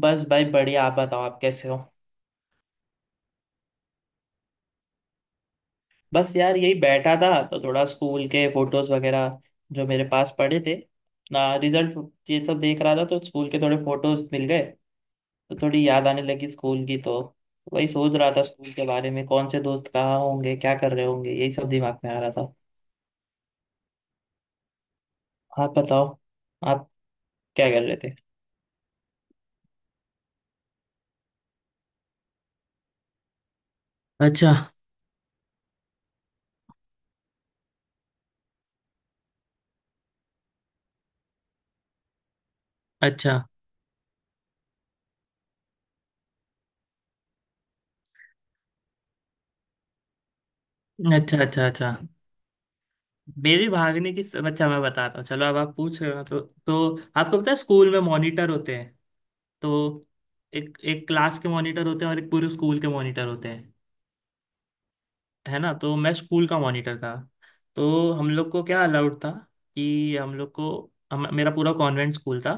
बस भाई बढ़िया। आप बताओ आप कैसे हो। बस यार यही बैठा था तो थोड़ा स्कूल के फोटोज वगैरह जो मेरे पास पड़े थे ना, रिजल्ट ये सब देख रहा था तो स्कूल के थोड़े फोटोज मिल गए। तो थोड़ी याद आने लगी स्कूल की। तो वही सोच रहा था स्कूल के बारे में, कौन से दोस्त कहाँ होंगे, क्या कर रहे होंगे, यही सब दिमाग में आ रहा था। आप बताओ, आप क्या कर रहे थे। अच्छा, अच्छा, अच्छा। अच्छा, अच्छा, मेरे भागने की सब अच्छा मैं बताता हूँ। चलो, अब आप पूछ रहे हो ना, तो आपको पता है स्कूल में मॉनिटर होते हैं। तो एक एक क्लास के मॉनिटर होते हैं और एक पूरे स्कूल के मॉनिटर होते हैं। है ना, तो मैं स्कूल का मॉनिटर था। तो हम लोग को क्या अलाउड था कि हम लोग को मेरा पूरा कॉन्वेंट स्कूल था।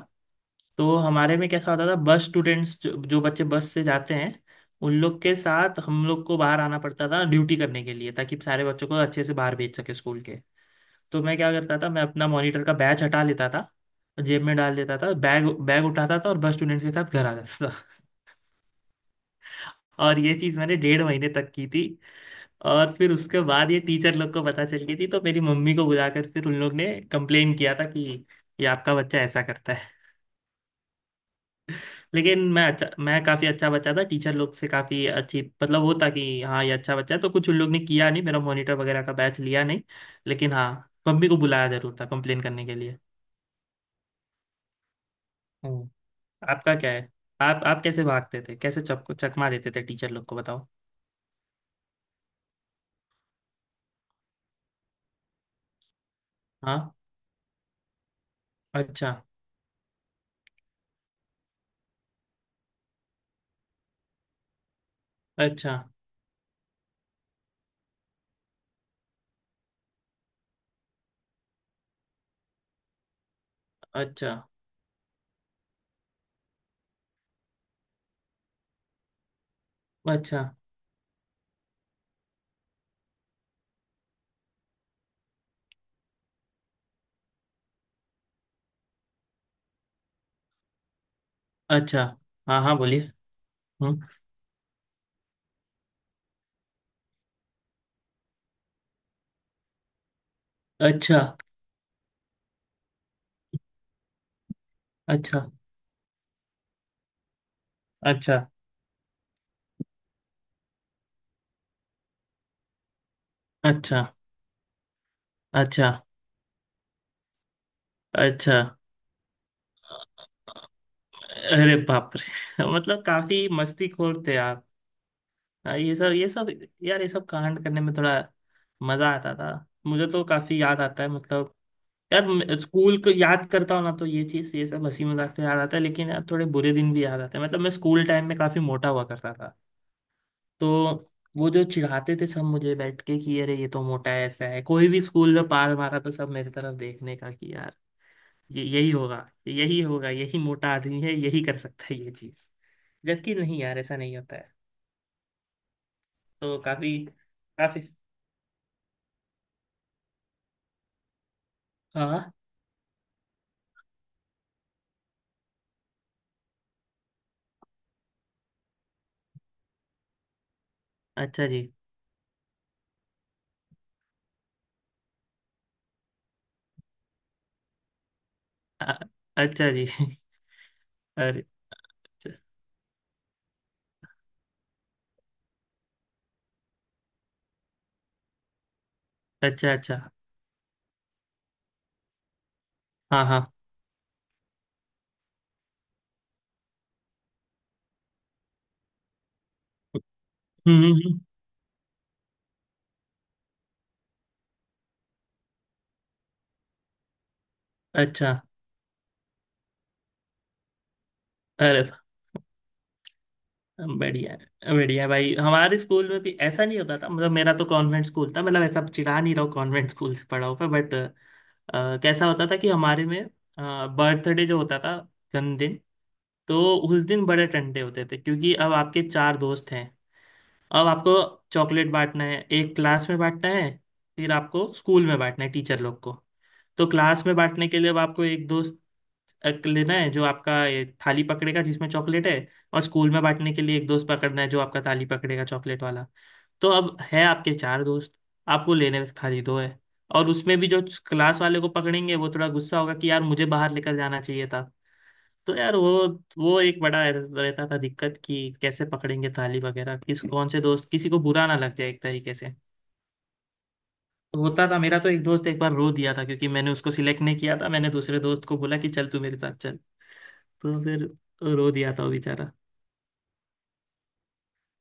तो हमारे में कैसा होता था, बस स्टूडेंट्स जो बच्चे बस से जाते हैं उन लोग के साथ हम लोग को बाहर आना पड़ता था ड्यूटी करने के लिए, ताकि सारे बच्चों को अच्छे से बाहर भेज सके स्कूल के। तो मैं क्या करता था, मैं अपना मॉनिटर का बैच हटा लेता था, जेब में डाल लेता था, बैग बैग उठाता था और बस स्टूडेंट्स के साथ घर आ जाता। और ये चीज मैंने 1.5 महीने तक की थी। और फिर उसके बाद ये टीचर लोग को पता चल गई थी तो मेरी मम्मी को बुलाकर फिर उन लोग ने कंप्लेन किया था कि ये आपका बच्चा ऐसा करता है। लेकिन मैं अच्छा, मैं काफ़ी अच्छा बच्चा था टीचर लोग से, काफ़ी अच्छी मतलब वो था कि हाँ ये अच्छा बच्चा है, तो कुछ उन लोग ने किया नहीं, मेरा मॉनिटर वगैरह का बैच लिया नहीं। लेकिन हाँ, मम्मी को बुलाया जरूर था कंप्लेन करने के लिए। हम्म। आपका क्या है? आप कैसे भागते थे, कैसे चक चकमा देते थे टीचर लोग को, बताओ। हाँ। अच्छा, अच्छा, अच्छा। अच्छा, अच्छा। हाँ हाँ, बोलिए। हम्म। अच्छा, अच्छा, अच्छा। अच्छा, अच्छा, अच्छा। अरे बाप रे मतलब काफी मस्तीखोर थे आप। हाँ, ये सब ये सब, यार ये सब कांड करने में थोड़ा मजा आता था। मुझे तो काफी याद आता है, मतलब यार स्कूल को याद करता हूँ ना, तो ये चीज, ये सब हंसी मजाक तो याद आता है, लेकिन यार थोड़े बुरे दिन भी याद आते हैं। मतलब मैं स्कूल टाइम में काफी मोटा हुआ करता था। तो वो जो चिढ़ाते थे सब मुझे बैठ के कि अरे ये तो मोटा है, ऐसा है, कोई भी स्कूल में पास मारा तो सब मेरी तरफ देखने का कि यार ये यही होगा, यही होगा, यही मोटा आदमी है, यही कर सकता है ये चीज। जबकि नहीं यार, ऐसा नहीं होता है। तो काफी, काफी। हाँ, अच्छा जी। अ- अच्छा जी अरे, अच्छा, अच्छा, अच्छा। हाँ हाँ। हम्म हम्म, हम्म। अच्छा। अरे बढ़िया है, बढ़िया भाई। हमारे स्कूल में भी ऐसा नहीं होता था, मतलब मेरा तो कॉन्वेंट स्कूल था, मतलब ऐसा चिढ़ा नहीं रहा हूँ, कॉन्वेंट स्कूल से पढ़ा हुआ, बट कैसा होता था कि हमारे में बर्थडे जो होता था, जन्मदिन, तो उस दिन बड़े टंटे होते थे क्योंकि अब आपके चार दोस्त हैं, अब आपको चॉकलेट बांटना है, एक क्लास में बांटना है, फिर आपको स्कूल में बांटना है टीचर लोग को। तो क्लास में बांटने के लिए अब आपको एक दोस्त लेना है जो आपका ये थाली पकड़ेगा जिसमें चॉकलेट है, और स्कूल में बांटने के लिए एक दोस्त पकड़ना है जो आपका थाली पकड़ेगा चॉकलेट वाला। तो अब है आपके चार दोस्त, आपको लेने में खाली दो है, और उसमें भी जो क्लास वाले को पकड़ेंगे वो थोड़ा गुस्सा होगा कि यार मुझे बाहर लेकर जाना चाहिए था। तो यार वो एक बड़ा रहता था दिक्कत कि कैसे पकड़ेंगे ताली वगैरह, किस कौन से दोस्त, किसी को बुरा ना लग जाए एक तरीके से। तो होता था, मेरा तो एक दोस्त एक बार रो दिया था क्योंकि मैंने उसको सिलेक्ट नहीं किया था, मैंने दूसरे दोस्त को बोला कि चल तू मेरे साथ चल। तो फिर रो दिया था वो बेचारा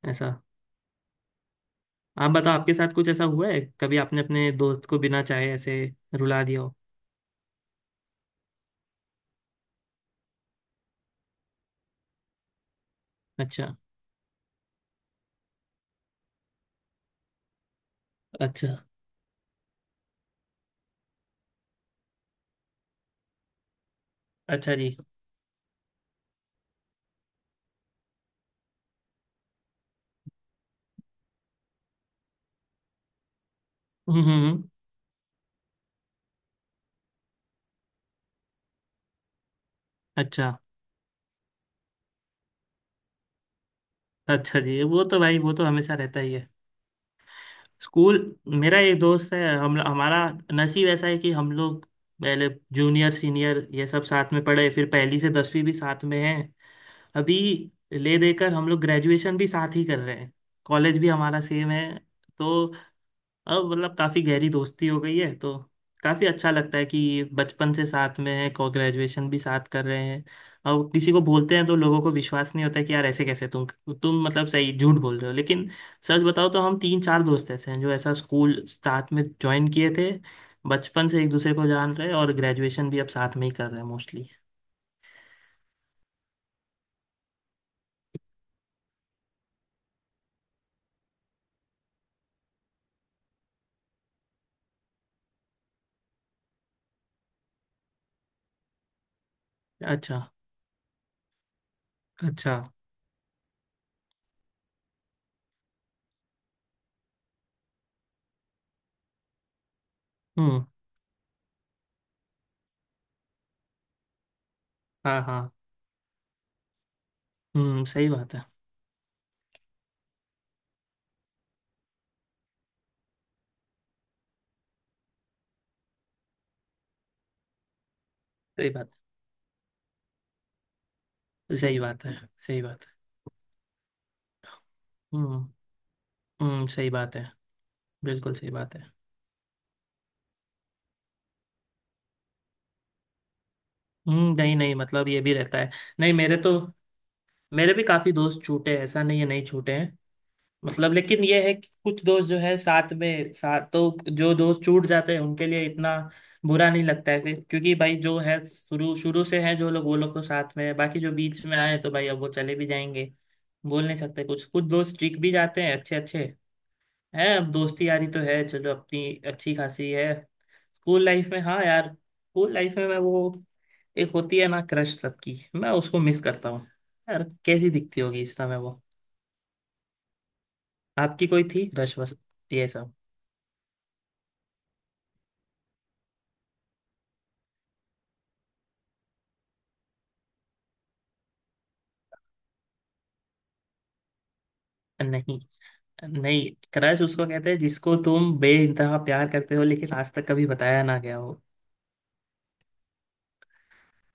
ऐसा। आप बताओ, आपके साथ कुछ ऐसा हुआ है कभी, आपने अपने दोस्त को बिना चाहे ऐसे रुला दिया हो? अच्छा, अच्छा, अच्छा जी। हम्म हम्म हम्म, अच्छा। अच्छा जी, वो तो भाई वो तो हमेशा रहता ही है। स्कूल, मेरा एक दोस्त है, हम हमारा नसीब ऐसा है कि हम लोग पहले जूनियर सीनियर ये सब साथ में पढ़े, फिर पहली से 10वीं भी साथ में है, अभी ले देकर हम लोग ग्रेजुएशन भी साथ ही कर रहे हैं, कॉलेज भी हमारा सेम है। तो अब मतलब काफ़ी गहरी दोस्ती हो गई है, तो काफ़ी अच्छा लगता है कि बचपन से साथ में है को ग्रेजुएशन भी साथ कर रहे हैं। और किसी को बोलते हैं तो लोगों को विश्वास नहीं होता है कि यार ऐसे कैसे तुम मतलब सही झूठ बोल रहे हो, लेकिन सच बताओ तो हम तीन चार दोस्त ऐसे हैं जो ऐसा स्कूल साथ में ज्वाइन किए थे, बचपन से एक दूसरे को जान रहे हैं और ग्रेजुएशन भी अब साथ में ही कर रहे हैं मोस्टली। अच्छा, अच्छा। हम्म। हाँ हाँ। सही बात है। सही बात है, सही बात है, सही बात है। हम्म हम्म, सही बात है, बिल्कुल सही बात है। हम्म, नहीं नहीं, मतलब ये भी रहता है। नहीं मेरे तो, मेरे भी काफी दोस्त छूटे हैं, ऐसा नहीं है नहीं छूटे हैं। मतलब लेकिन ये है कि कुछ दोस्त जो है साथ में साथ, तो जो दोस्त छूट जाते हैं उनके लिए इतना बुरा नहीं लगता है फिर, क्योंकि भाई जो है शुरू शुरू से है जो लोग, वो लोग तो साथ में है, बाकी जो बीच में आए तो भाई अब वो चले भी जाएंगे, बोल नहीं सकते। कुछ कुछ दोस्त चिक भी जाते हैं अच्छे अच्छे, हैं अब दोस्ती यारी तो है, चलो अपनी अच्छी खासी है। स्कूल लाइफ में, हाँ यार, स्कूल लाइफ में मैं वो, एक होती है ना क्रश सबकी, मैं उसको मिस करता हूँ। यार कैसी दिखती होगी इस समय वो। आपकी कोई थी क्रश, बस ये सब। नहीं, नहीं, क्रश उसको कहते हैं जिसको तुम बेइंतहा प्यार करते हो लेकिन आज तक कभी बताया ना गया हो,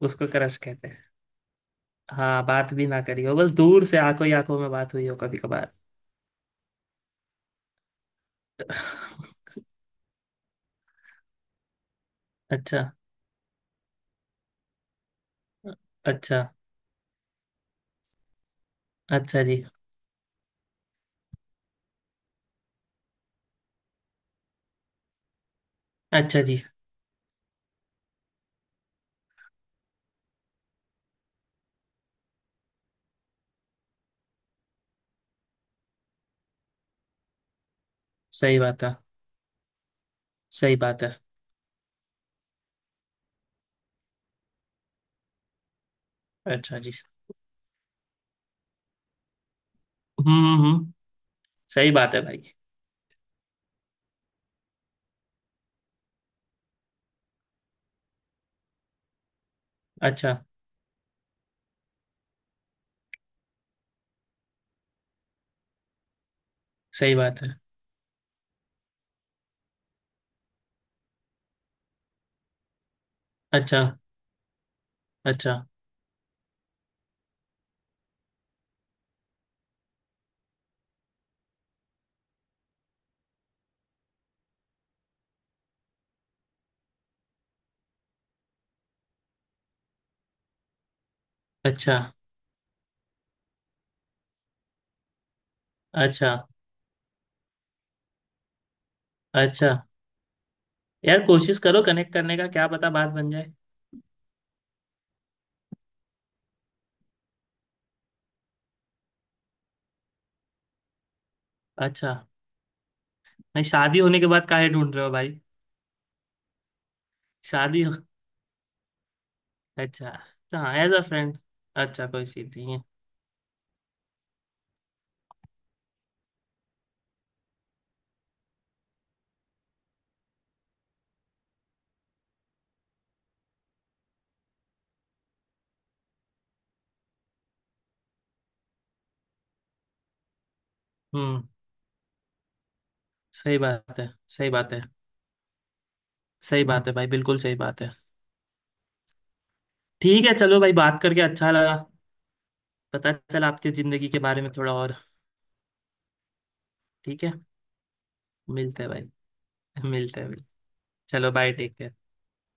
उसको क्रश कहते हैं। हाँ, बात भी ना करी हो, बस दूर से आंखों ही आंखों में बात हुई हो कभी कभार। अच्छा, अच्छा। अच्छा जी। अच्छा जी। सही बात है, सही बात है। अच्छा जी। हम्म। सही बात है भाई। अच्छा। सही बात है। अच्छा, अच्छा, अच्छा, अच्छा, अच्छा। यार कोशिश करो कनेक्ट करने का, क्या पता बात बन जाए। अच्छा। नहीं, शादी होने के बाद काहे ढूंढ रहे हो भाई? शादी हो। अच्छा। हाँ, एज अ फ्रेंड। अच्छा, कोई सीधी है? हम्म। सही बात है। सही बात है। सही बात है भाई, बिल्कुल सही बात है। ठीक है, चलो भाई, बात करके अच्छा लगा। पता चला आपकी जिंदगी के बारे में थोड़ा और। ठीक है, मिलते हैं भाई। मिलते हैं मिलते हैं। चलो बाय, ठीक है।